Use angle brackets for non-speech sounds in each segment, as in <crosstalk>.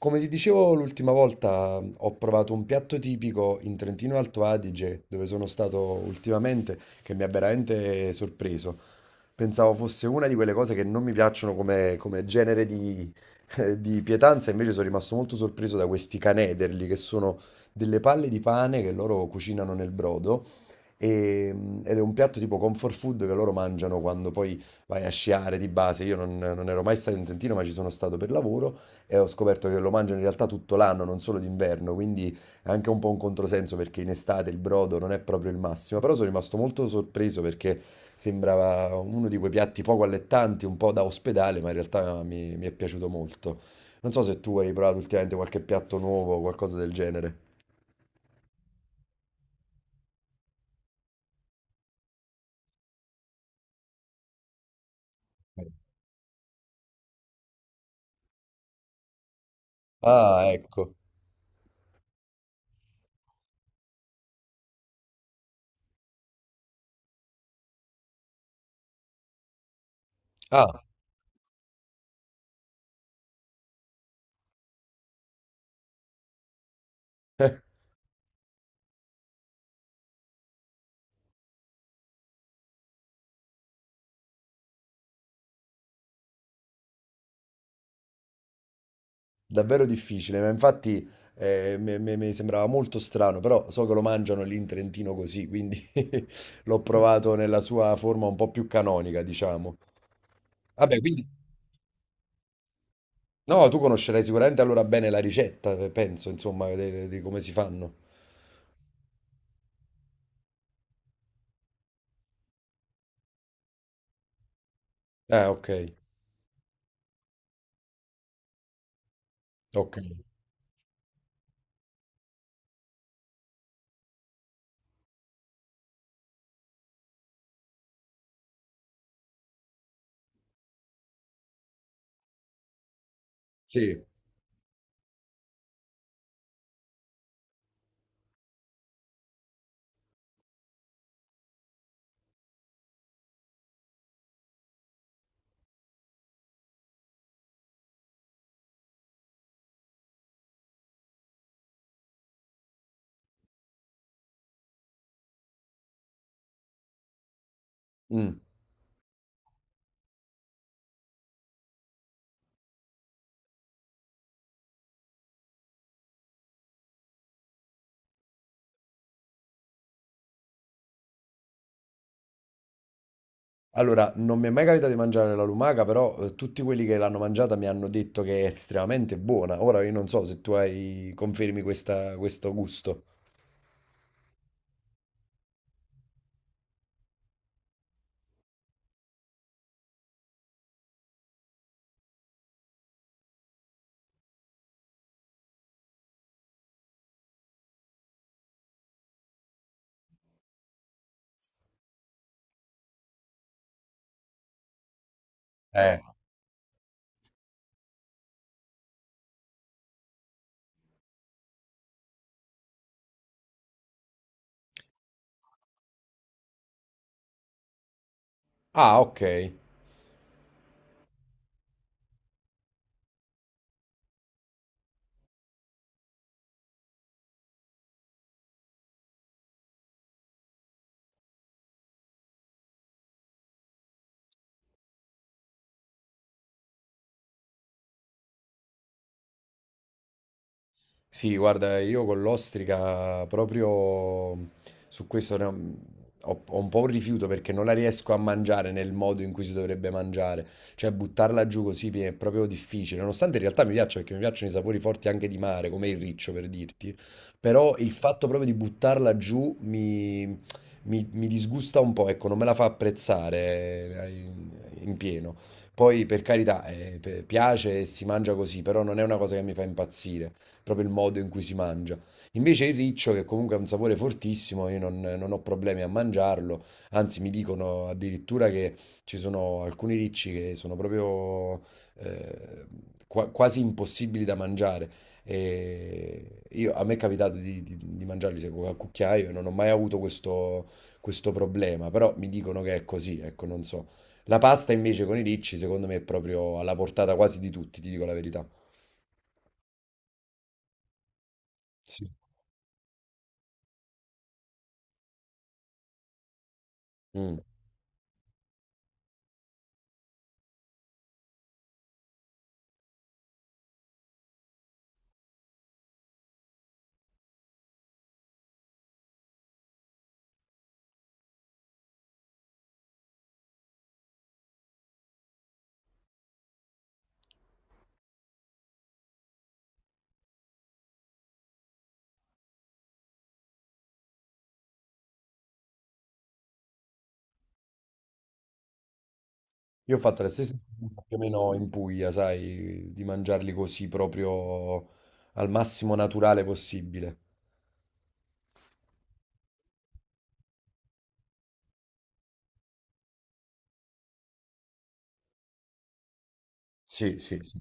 Come ti dicevo l'ultima volta, ho provato un piatto tipico in Trentino Alto Adige, dove sono stato ultimamente, che mi ha veramente sorpreso. Pensavo fosse una di quelle cose che non mi piacciono come genere di, <laughs> di pietanza, invece sono rimasto molto sorpreso da questi canederli, che sono delle palle di pane che loro cucinano nel brodo. e- Ed è un piatto tipo comfort food che loro mangiano quando poi vai a sciare di base. Io non ero mai stato in Trentino, ma ci sono stato per lavoro e ho scoperto che lo mangiano in realtà tutto l'anno, non solo d'inverno, quindi è anche un po' un controsenso perché in estate il brodo non è proprio il massimo, però sono rimasto molto sorpreso perché sembrava uno di quei piatti poco allettanti, un po' da ospedale, ma in realtà mi è piaciuto molto. Non so se tu hai provato ultimamente qualche piatto nuovo o qualcosa del genere. Ah, ecco. Ah. Davvero difficile, ma infatti mi sembrava molto strano, però so che lo mangiano lì in Trentino così, quindi <laughs> l'ho provato nella sua forma un po' più canonica, diciamo. Vabbè, quindi... No, tu conoscerai sicuramente allora bene la ricetta, penso, insomma, di come si fanno. Ok, ok. Sì. Mm. Allora, non mi è mai capitato di mangiare la lumaca, però tutti quelli che l'hanno mangiata mi hanno detto che è estremamente buona. Ora io non so se tu hai... confermi questo gusto. Eh. Ah, ok. Sì, guarda, io con l'ostrica proprio su questo ho un po' un rifiuto perché non la riesco a mangiare nel modo in cui si dovrebbe mangiare. Cioè, buttarla giù così mi è proprio difficile. Nonostante in realtà mi piaccia perché mi piacciono i sapori forti anche di mare, come il riccio per dirti. Però il fatto proprio di buttarla giù mi disgusta un po', ecco, non me la fa apprezzare in pieno. Poi, per carità, piace e si mangia così, però non è una cosa che mi fa impazzire proprio il modo in cui si mangia. Invece il riccio, che comunque ha un sapore fortissimo, io non ho problemi a mangiarlo, anzi mi dicono addirittura che ci sono alcuni ricci che sono proprio eh, quasi impossibili da mangiare. A me è capitato di mangiarli secco a cucchiaio e non ho mai avuto questo problema, però mi dicono che è così, ecco, non so. La pasta invece con i ricci, secondo me, è proprio alla portata quasi di tutti, ti dico la verità. Sì. Mm. Io ho fatto la stessa esperienza più o meno in Puglia, sai, di mangiarli così proprio al massimo naturale possibile. Sì, sì, sì.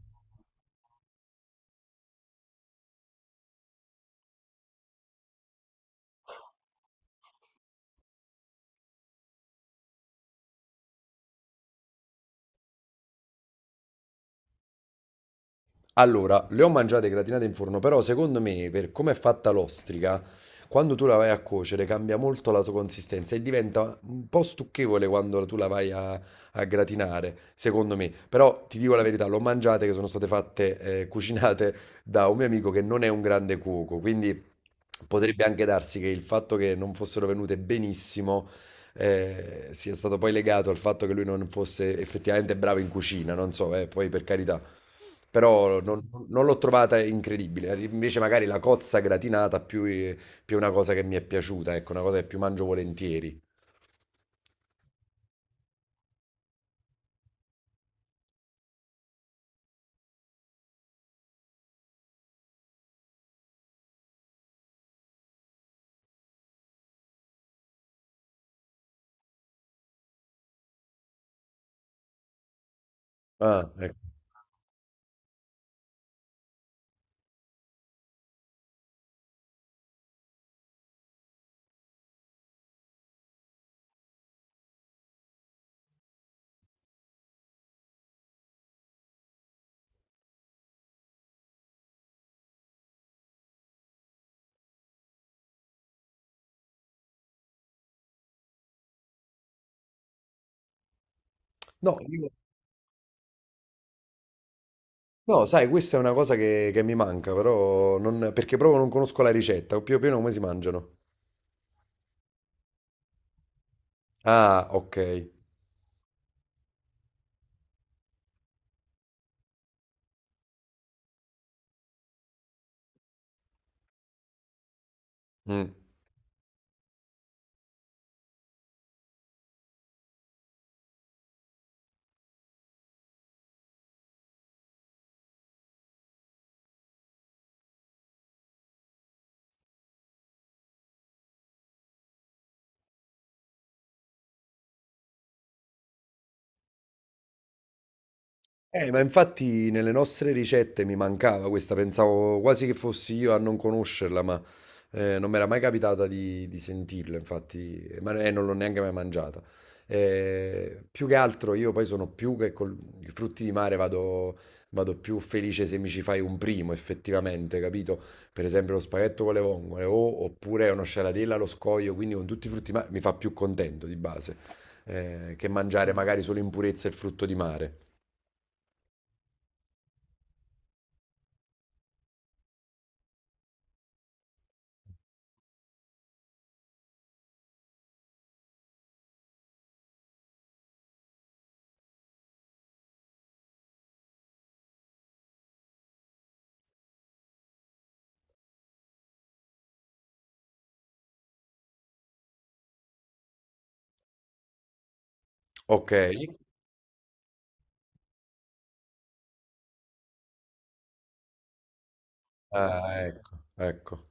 Allora, le ho mangiate gratinate in forno, però secondo me, per come è fatta l'ostrica, quando tu la vai a cuocere cambia molto la sua consistenza e diventa un po' stucchevole quando tu a gratinare, secondo me. Però ti dico la verità, l'ho mangiate che sono state fatte, cucinate da un mio amico che non è un grande cuoco, quindi potrebbe anche darsi che il fatto che non fossero venute benissimo, sia stato poi legato al fatto che lui non fosse effettivamente bravo in cucina, non so, poi per carità. Però non l'ho trovata incredibile. Invece magari la cozza gratinata più è una cosa che mi è piaciuta, ecco, una cosa che più mangio volentieri. Ah, ecco. No, io- no, sai, questa è una cosa che mi manca, però non- perché proprio non conosco la ricetta, o più o meno come si mangiano. Ah, ok. Mm. Ma infatti nelle nostre ricette mi mancava questa, pensavo quasi che fossi io a non conoscerla, ma non mi era mai capitata di sentirla, infatti, ma non l'ho neanche mai mangiata. Più che altro io poi sono più che con i frutti di mare vado più felice se mi ci fai un primo, effettivamente, capito? Per esempio lo spaghetto con le vongole oppure uno sciaratella allo scoglio, quindi con tutti i frutti di mare mi fa più contento di base, che mangiare magari solo in purezza il frutto di mare. Ok, ah, ecco, ecco.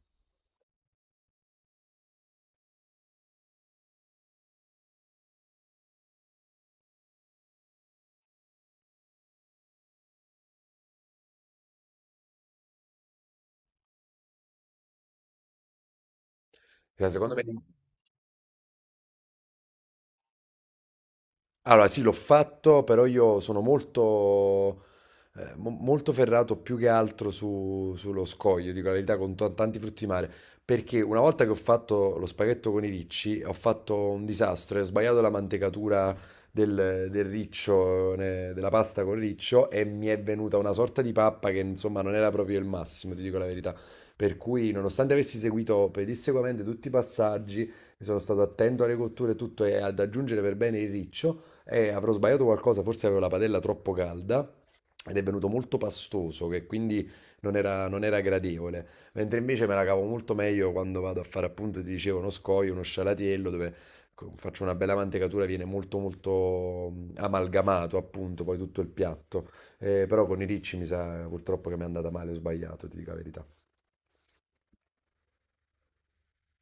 Cioè, secondo me allora sì, l'ho fatto, però io sono molto ferrato più che altro sullo scoglio, dico la verità, con tanti frutti di mare, perché una volta che ho fatto lo spaghetto con i ricci, ho fatto un disastro, e ho sbagliato la mantecatura del riccio, della pasta con riccio, e mi è venuta una sorta di pappa che insomma non era proprio il massimo, ti dico la verità. Per cui, nonostante avessi seguito pedissequamente tutti i passaggi, mi sono stato attento alle cotture e tutto, e ad aggiungere per bene il riccio, e avrò sbagliato qualcosa, forse avevo la padella troppo calda ed è venuto molto pastoso, che quindi non era gradevole. Mentre invece me la cavo molto meglio quando vado a fare appunto, ti dicevo, uno scoglio, uno scialatiello, dove faccio una bella mantecatura, viene molto molto mm, amalgamato appunto, poi tutto il piatto. Però con i ricci mi sa purtroppo che mi è andata male, ho sbagliato, ti dico la verità.